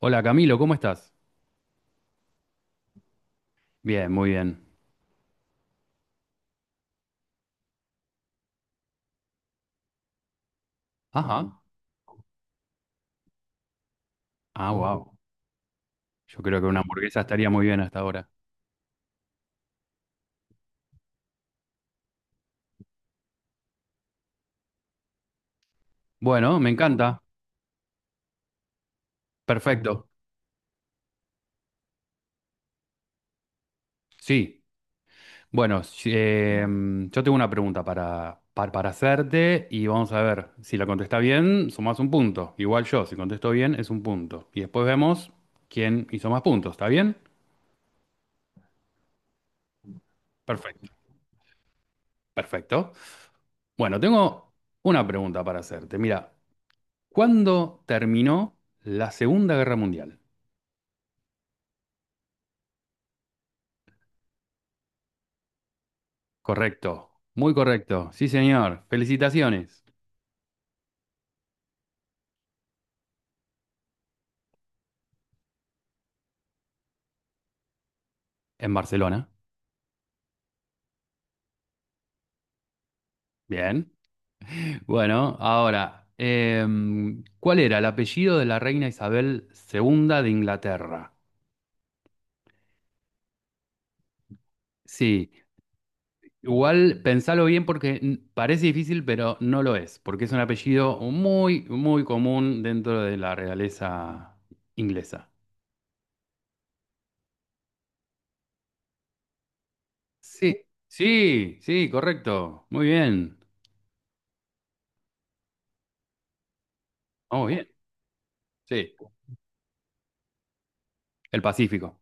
Hola Camilo, ¿cómo estás? Bien, muy bien. Mm. Ajá. Ah, mm. Wow. Yo creo que una hamburguesa estaría muy bien hasta ahora. Bueno, me encanta. Perfecto. Sí. Bueno, yo tengo una pregunta para hacerte y vamos a ver. Si la contesta bien, sumás un punto. Igual yo, si contesto bien, es un punto. Y después vemos quién hizo más puntos. ¿Está bien? Perfecto. Perfecto. Bueno, tengo una pregunta para hacerte. Mira, ¿cuándo terminó la Segunda Guerra Mundial? Correcto, muy correcto. Sí, señor. Felicitaciones. En Barcelona. Bien. Bueno, ahora, ¿cuál era el apellido de la reina Isabel II de Inglaterra? Sí, igual pensalo bien porque parece difícil, pero no lo es, porque es un apellido muy, muy común dentro de la realeza inglesa. Sí, sí, sí, correcto. Muy bien. Muy bien. Sí, el Pacífico,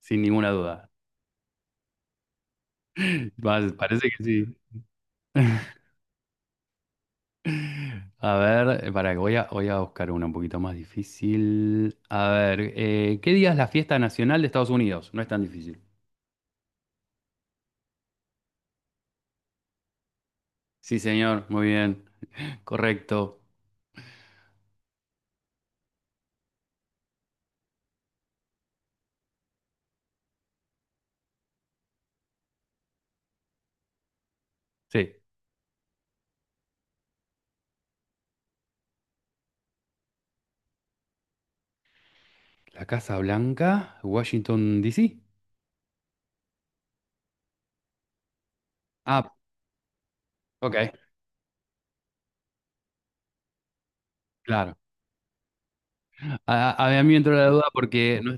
sin ninguna duda. Parece que sí. A ver, para que voy a buscar una un poquito más difícil. A ver, ¿qué día es la fiesta nacional de Estados Unidos? No es tan difícil. Sí, señor, muy bien. Correcto. Sí. La Casa Blanca, Washington, D.C. Ah, ok, claro. A mí me entró la duda porque no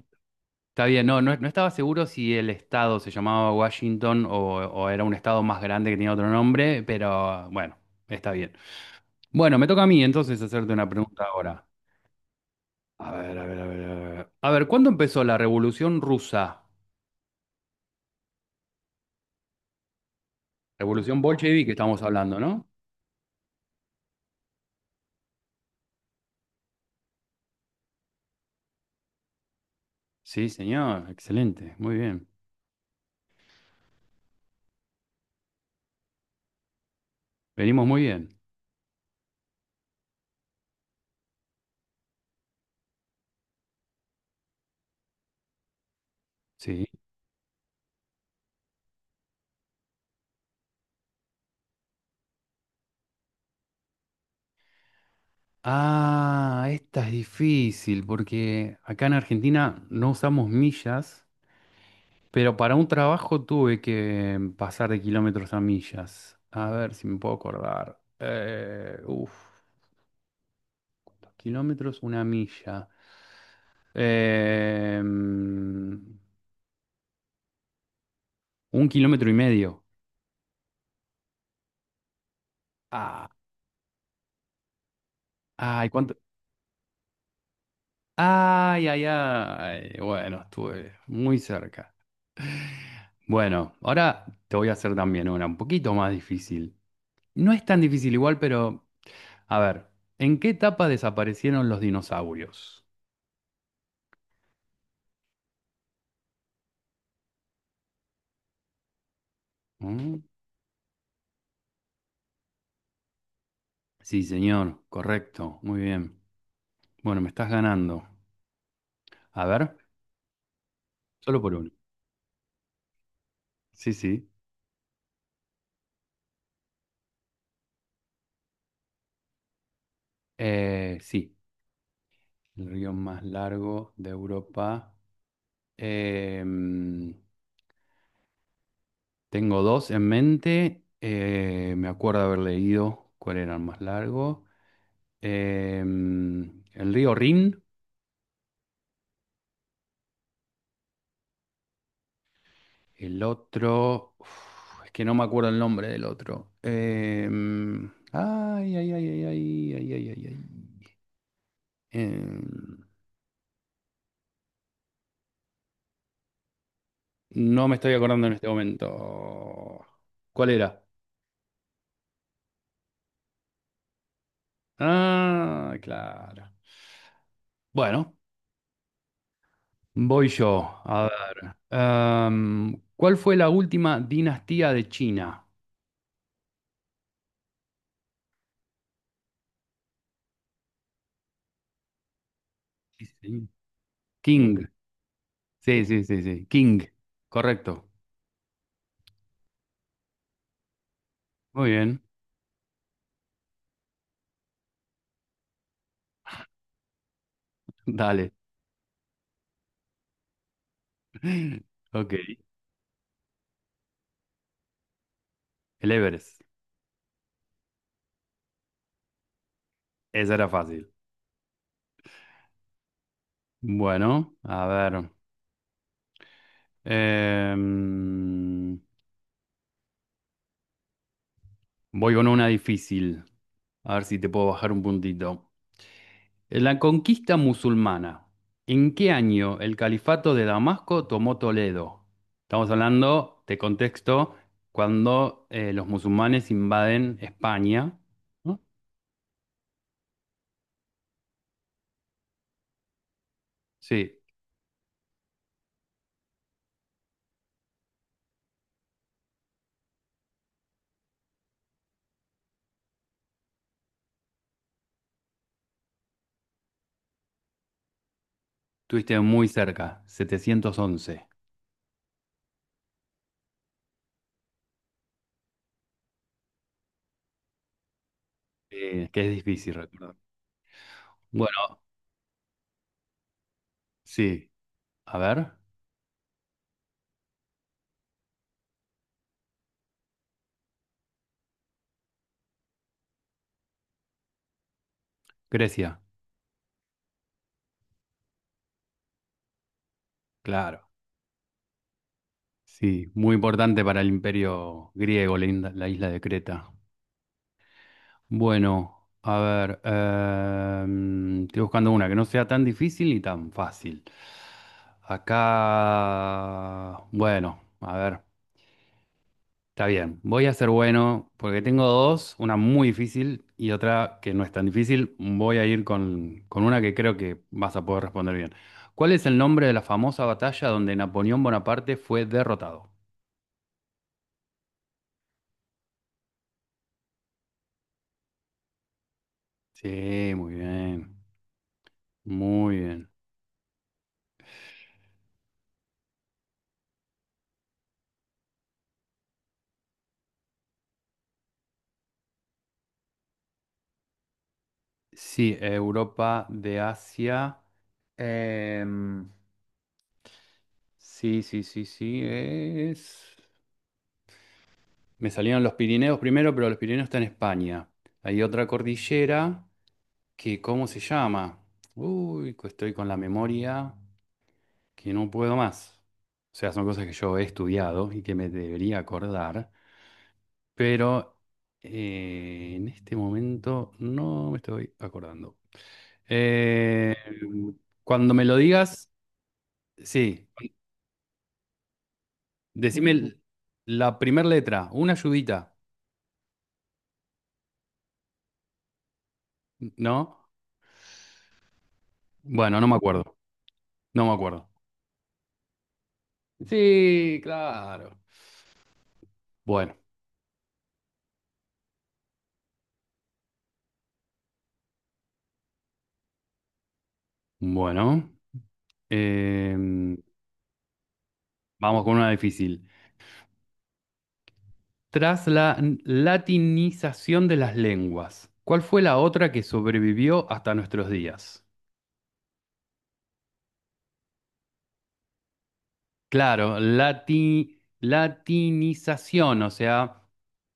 está bien, no, no, no estaba seguro si el estado se llamaba Washington o era un estado más grande que tenía otro nombre, pero bueno, está bien. Bueno, me toca a mí entonces hacerte una pregunta ahora. A ver, a ver, a ver, a ver. A ver, ¿cuándo empezó la Revolución Rusa? Revolución bolchevique estamos hablando, ¿no? Sí, señor, excelente, muy bien. Venimos muy bien. Sí. Ah, esta es difícil porque acá en Argentina no usamos millas, pero para un trabajo tuve que pasar de kilómetros a millas. A ver si me puedo acordar. Uf, ¿cuántos kilómetros? Una milla. Eh, mm, un kilómetro y medio. Ah, ay, ¿cuánto? Ay, ay, ay. Bueno, estuve muy cerca. Bueno, ahora te voy a hacer también una un poquito más difícil. No es tan difícil igual, pero a ver, ¿en qué etapa desaparecieron los dinosaurios? ¿Mm? Sí, señor, correcto, muy bien. Bueno, me estás ganando. A ver, solo por uno. Sí, sí. Sí, el río más largo de Europa. Em, tengo dos en mente. Me acuerdo haber leído cuál era el más largo. Em, el río Rin. El otro. Uf, es que no me acuerdo el nombre del otro. Ay, ay, ay, ay, ay, ay, ay, ay, ay. Em, no me estoy acordando en este momento. ¿Cuál era? Ah, claro. Bueno. Voy yo. A ver. ¿Cuál fue la última dinastía de China? Sí, sí. King. Sí, sí, sí, sí. King. Correcto. Muy bien. Dale. Ok. El Everest. Esa era fácil. Bueno, a ver. em, voy con una difícil. A ver si te puedo bajar un puntito. La conquista musulmana. ¿En qué año el califato de Damasco tomó Toledo? Estamos hablando de contexto cuando los musulmanes invaden España, ¿no? Sí, estuviste muy cerca, 711, que es difícil recordar. Bueno, sí, a ver, Grecia, claro, sí, muy importante para el imperio griego, la isla de Creta. Bueno, a ver, estoy buscando una que no sea tan difícil ni tan fácil. Acá, bueno, a ver, está bien. Voy a ser bueno porque tengo dos, una muy difícil y otra que no es tan difícil. Voy a ir con una que creo que vas a poder responder bien. ¿Cuál es el nombre de la famosa batalla donde Napoleón Bonaparte fue derrotado? Sí, muy bien, muy bien. Sí, Europa de Asia. Em, sí, sí, sí, sí. Me salieron los Pirineos primero, pero los Pirineos están en España. Hay otra cordillera que, ¿cómo se llama? Uy, que estoy con la memoria que no puedo más. O sea, son cosas que yo he estudiado y que me debería acordar, pero en este momento no me estoy acordando. Eh, cuando me lo digas, sí, decime la primera letra, una ayudita, ¿no? Bueno, no me acuerdo, no me acuerdo. Sí, claro. Bueno, bueno, em, vamos con una difícil. Tras la latinización de las lenguas, ¿cuál fue la otra que sobrevivió hasta nuestros días? Claro, latinización, o sea,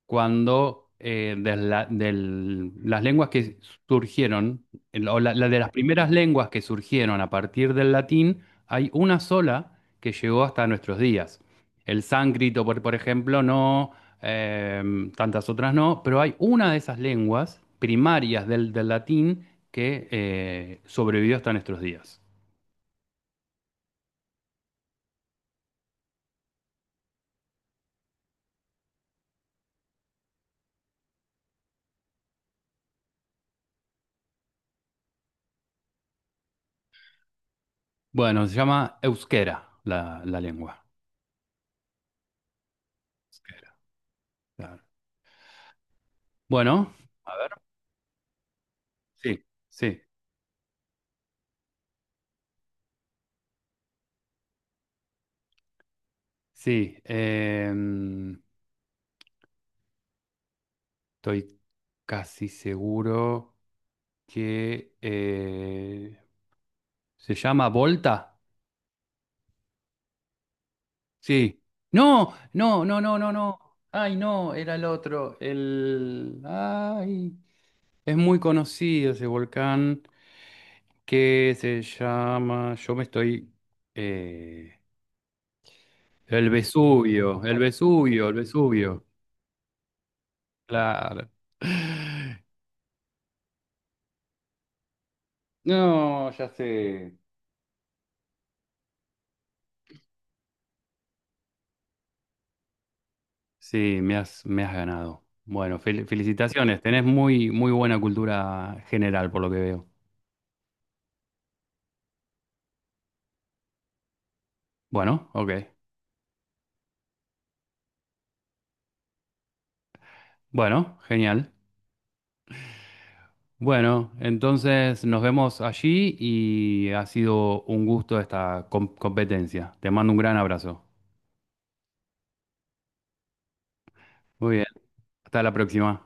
cuando las lenguas que surgieron, o la de las primeras lenguas que surgieron a partir del latín, hay una sola que llegó hasta nuestros días. El sánscrito, por ejemplo, no, eh, tantas otras no, pero hay una de esas lenguas primarias del latín que sobrevivió hasta nuestros días. Bueno, se llama euskera la lengua. Euskera, claro. Bueno, a ver, sí, sí. Sí, estoy casi seguro que se llama Volta. Sí. No, no, no, no, no, no. Ay, no, era el otro. El. Ay, es muy conocido ese volcán que se llama. Yo me estoy. eh, el Vesubio, el Vesubio, el Vesubio. Claro. No, ya sé. Sí, me has ganado. Bueno, felicitaciones. Tenés muy, muy buena cultura general, por lo que veo. Bueno, ok. Bueno, genial. Bueno, entonces nos vemos allí y ha sido un gusto esta competencia. Te mando un gran abrazo. Muy bien. Hasta la próxima.